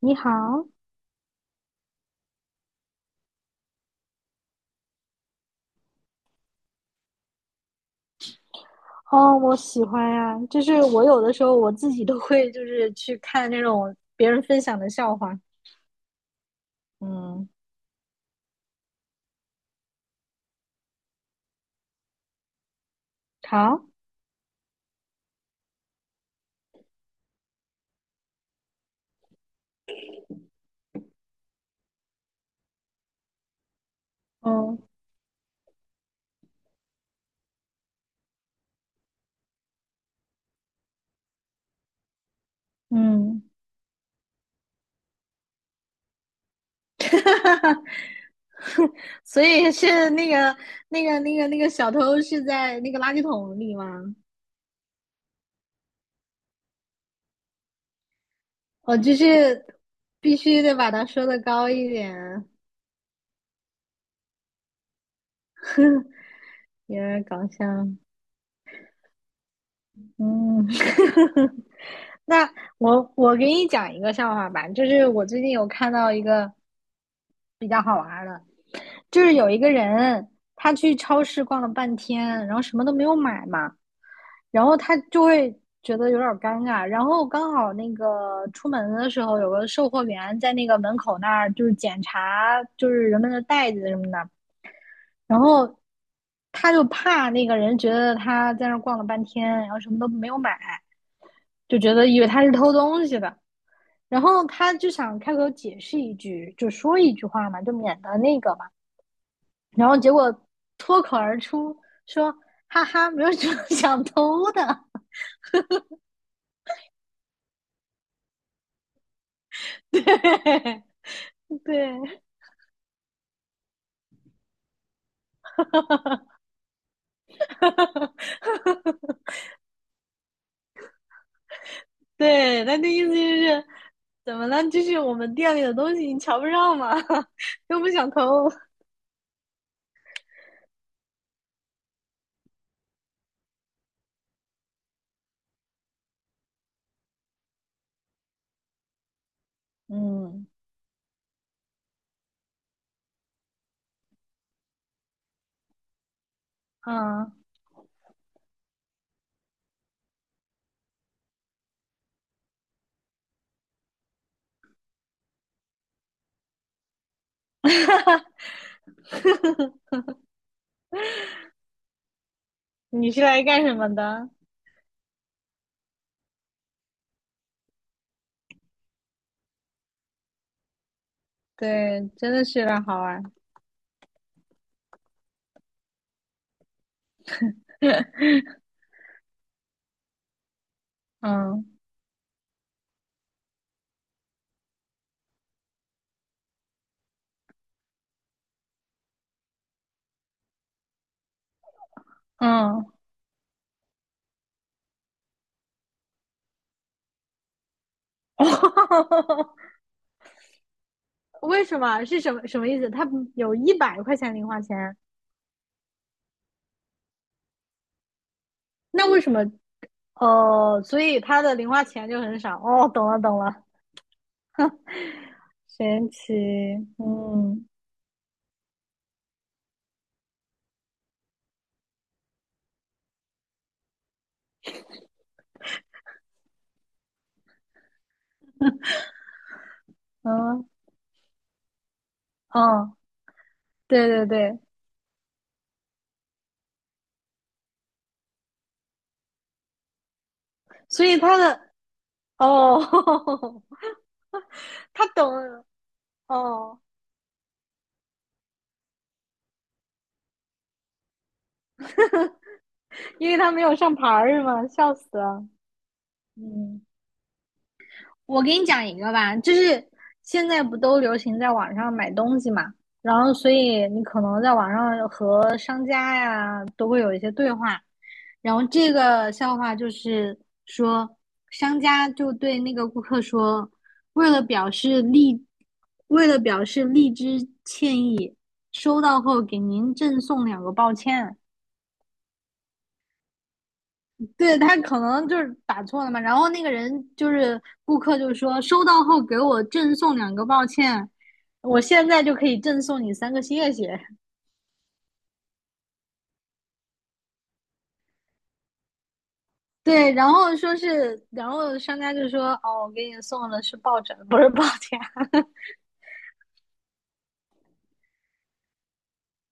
你好，哦，我喜欢呀、就是我有的时候我自己都会就是去看那种别人分享的笑话，嗯，好，嗯嗯，所以是那个小偷是在那个垃圾桶里吗？哦，就是必须得把它说的高一点，有点搞笑，嗯。那我给你讲一个笑话吧，就是我最近有看到一个比较好玩儿的，就是有一个人他去超市逛了半天，然后什么都没有买嘛，然后他就会觉得有点儿尴尬，然后刚好那个出门的时候有个售货员在那个门口那儿就是检查就是人们的袋子什么的，然后他就怕那个人觉得他在那儿逛了半天，然后什么都没有买，就觉得以为他是偷东西的。然后他就想开口解释一句，就说一句话嘛，就免得那个嘛。然后结果脱口而出说："哈哈，没有什么 想偷的。"对对 对，他的意思就是怎么了？就是我们店里的东西你瞧不上嘛，又不想偷。嗯嗯，你是来干什么的？对，真的是有点好玩。嗯嗯。为什么是什么什么意思？他有100块钱零花钱，那为什么？哦，所以他的零花钱就很少。哦，懂了懂了，神奇。嗯嗯嗯，对对对，所以他的哦，他懂了哦，因为他没有上牌儿是吗？笑死了。嗯。我给你讲一个吧，就是现在不都流行在网上买东西嘛，然后所以你可能在网上和商家呀都会有一些对话，然后这个笑话就是说，商家就对那个顾客说，为了表示荔，为了表示荔枝歉意，收到后给您赠送两个抱歉。对他可能就是打错了嘛，然后那个人就是顾客就说收到后给我赠送两个，抱歉，我现在就可以赠送你三个谢谢。对，然后说是，然后商家就说哦，我给你送的是抱枕，不是抱枕。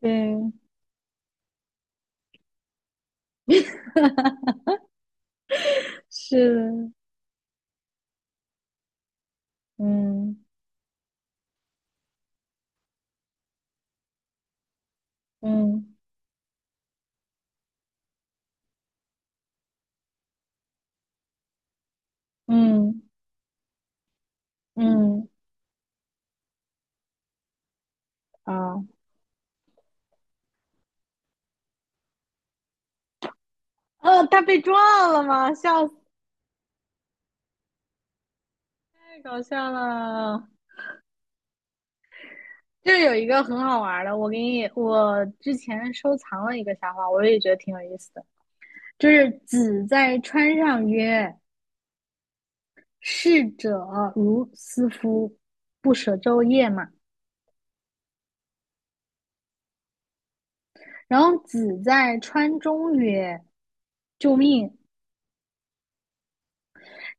对，是的嗯嗯嗯嗯，啊，哦他被撞了吗？笑死，太搞笑了。就是有一个很好玩的，我给你，我之前收藏了一个笑话，我也觉得挺有意思的，就是子在川上曰："逝者如斯夫，不舍昼夜嘛。"然后子在川中曰："救命！"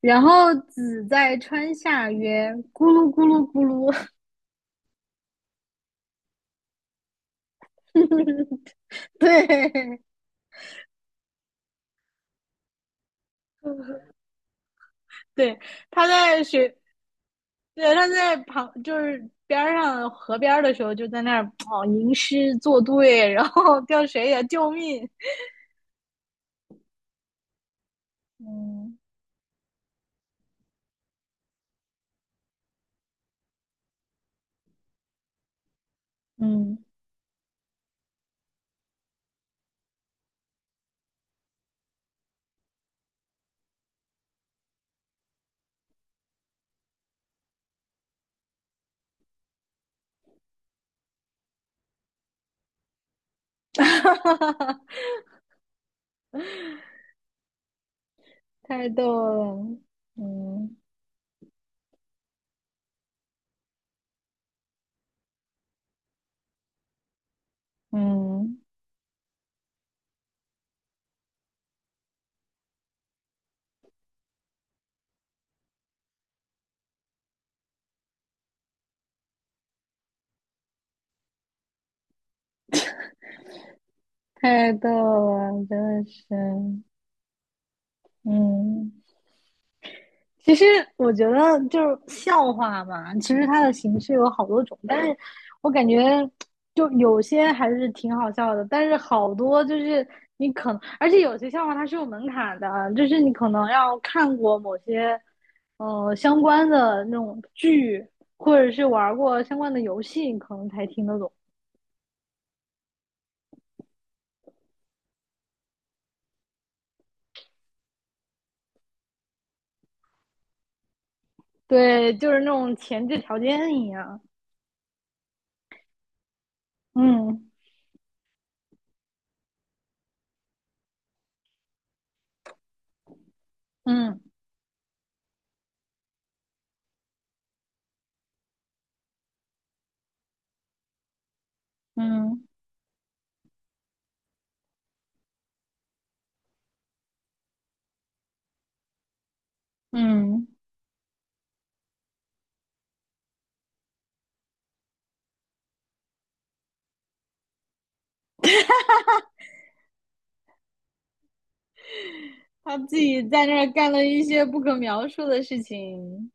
然后子在川下曰："咕噜咕噜咕噜。对，对，他在学，对，他在旁就是边儿上河边儿的时候，就在那儿哦吟诗作对，然后叫谁呀、救命！嗯嗯，太逗了，嗯嗯，太逗了，真的是，嗯。其实我觉得就是笑话嘛，其实它的形式有好多种，但是我感觉就有些还是挺好笑的，但是好多就是你可能，而且有些笑话它是有门槛的啊，就是你可能要看过某些相关的那种剧，或者是玩过相关的游戏，你可能才听得懂。对，就是那种前置条件一样。嗯嗯嗯嗯，嗯他自己在那儿干了一些不可描述的事情，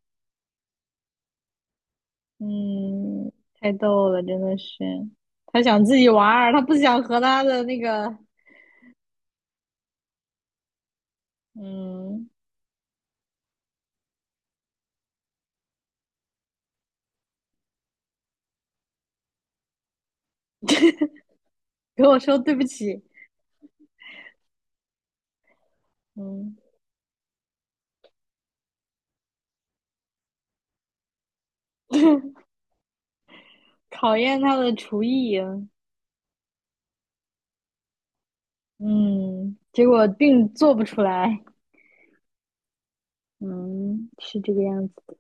嗯，太逗了，真的是。他想自己玩儿，他不想和他的那个，嗯，给我说对不起，嗯，考验他的厨艺，嗯，结果并做不出来，嗯，是这个样子的，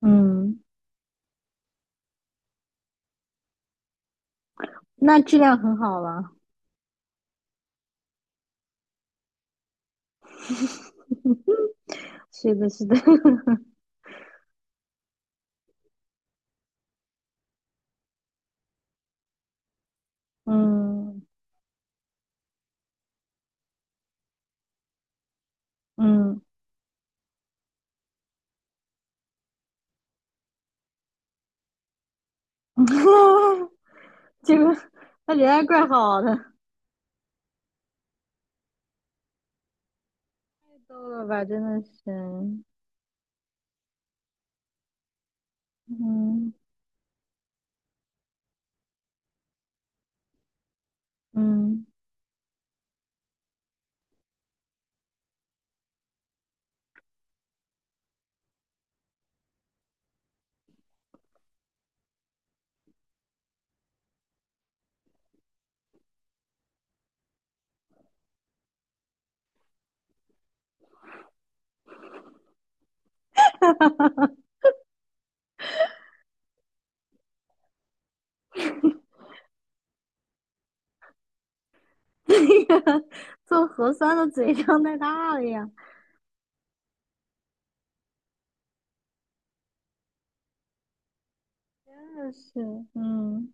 嗯，那质量很好了，是的，是的，嗯嗯，结果他人还怪好的，够了吧，真的是，嗯嗯，那个做核酸的嘴张太大了呀，真的是，嗯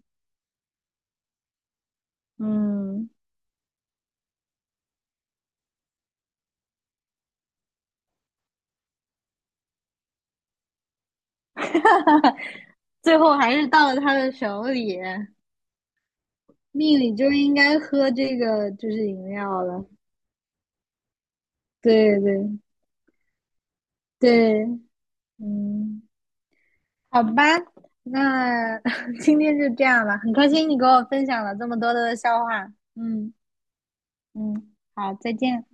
嗯，最后还是到了他的手里，命里就应该喝这个就是饮料了，对对对，嗯，好吧，那 今天就这样吧，很开心你给我分享了这么多的笑话，嗯嗯，好，再见。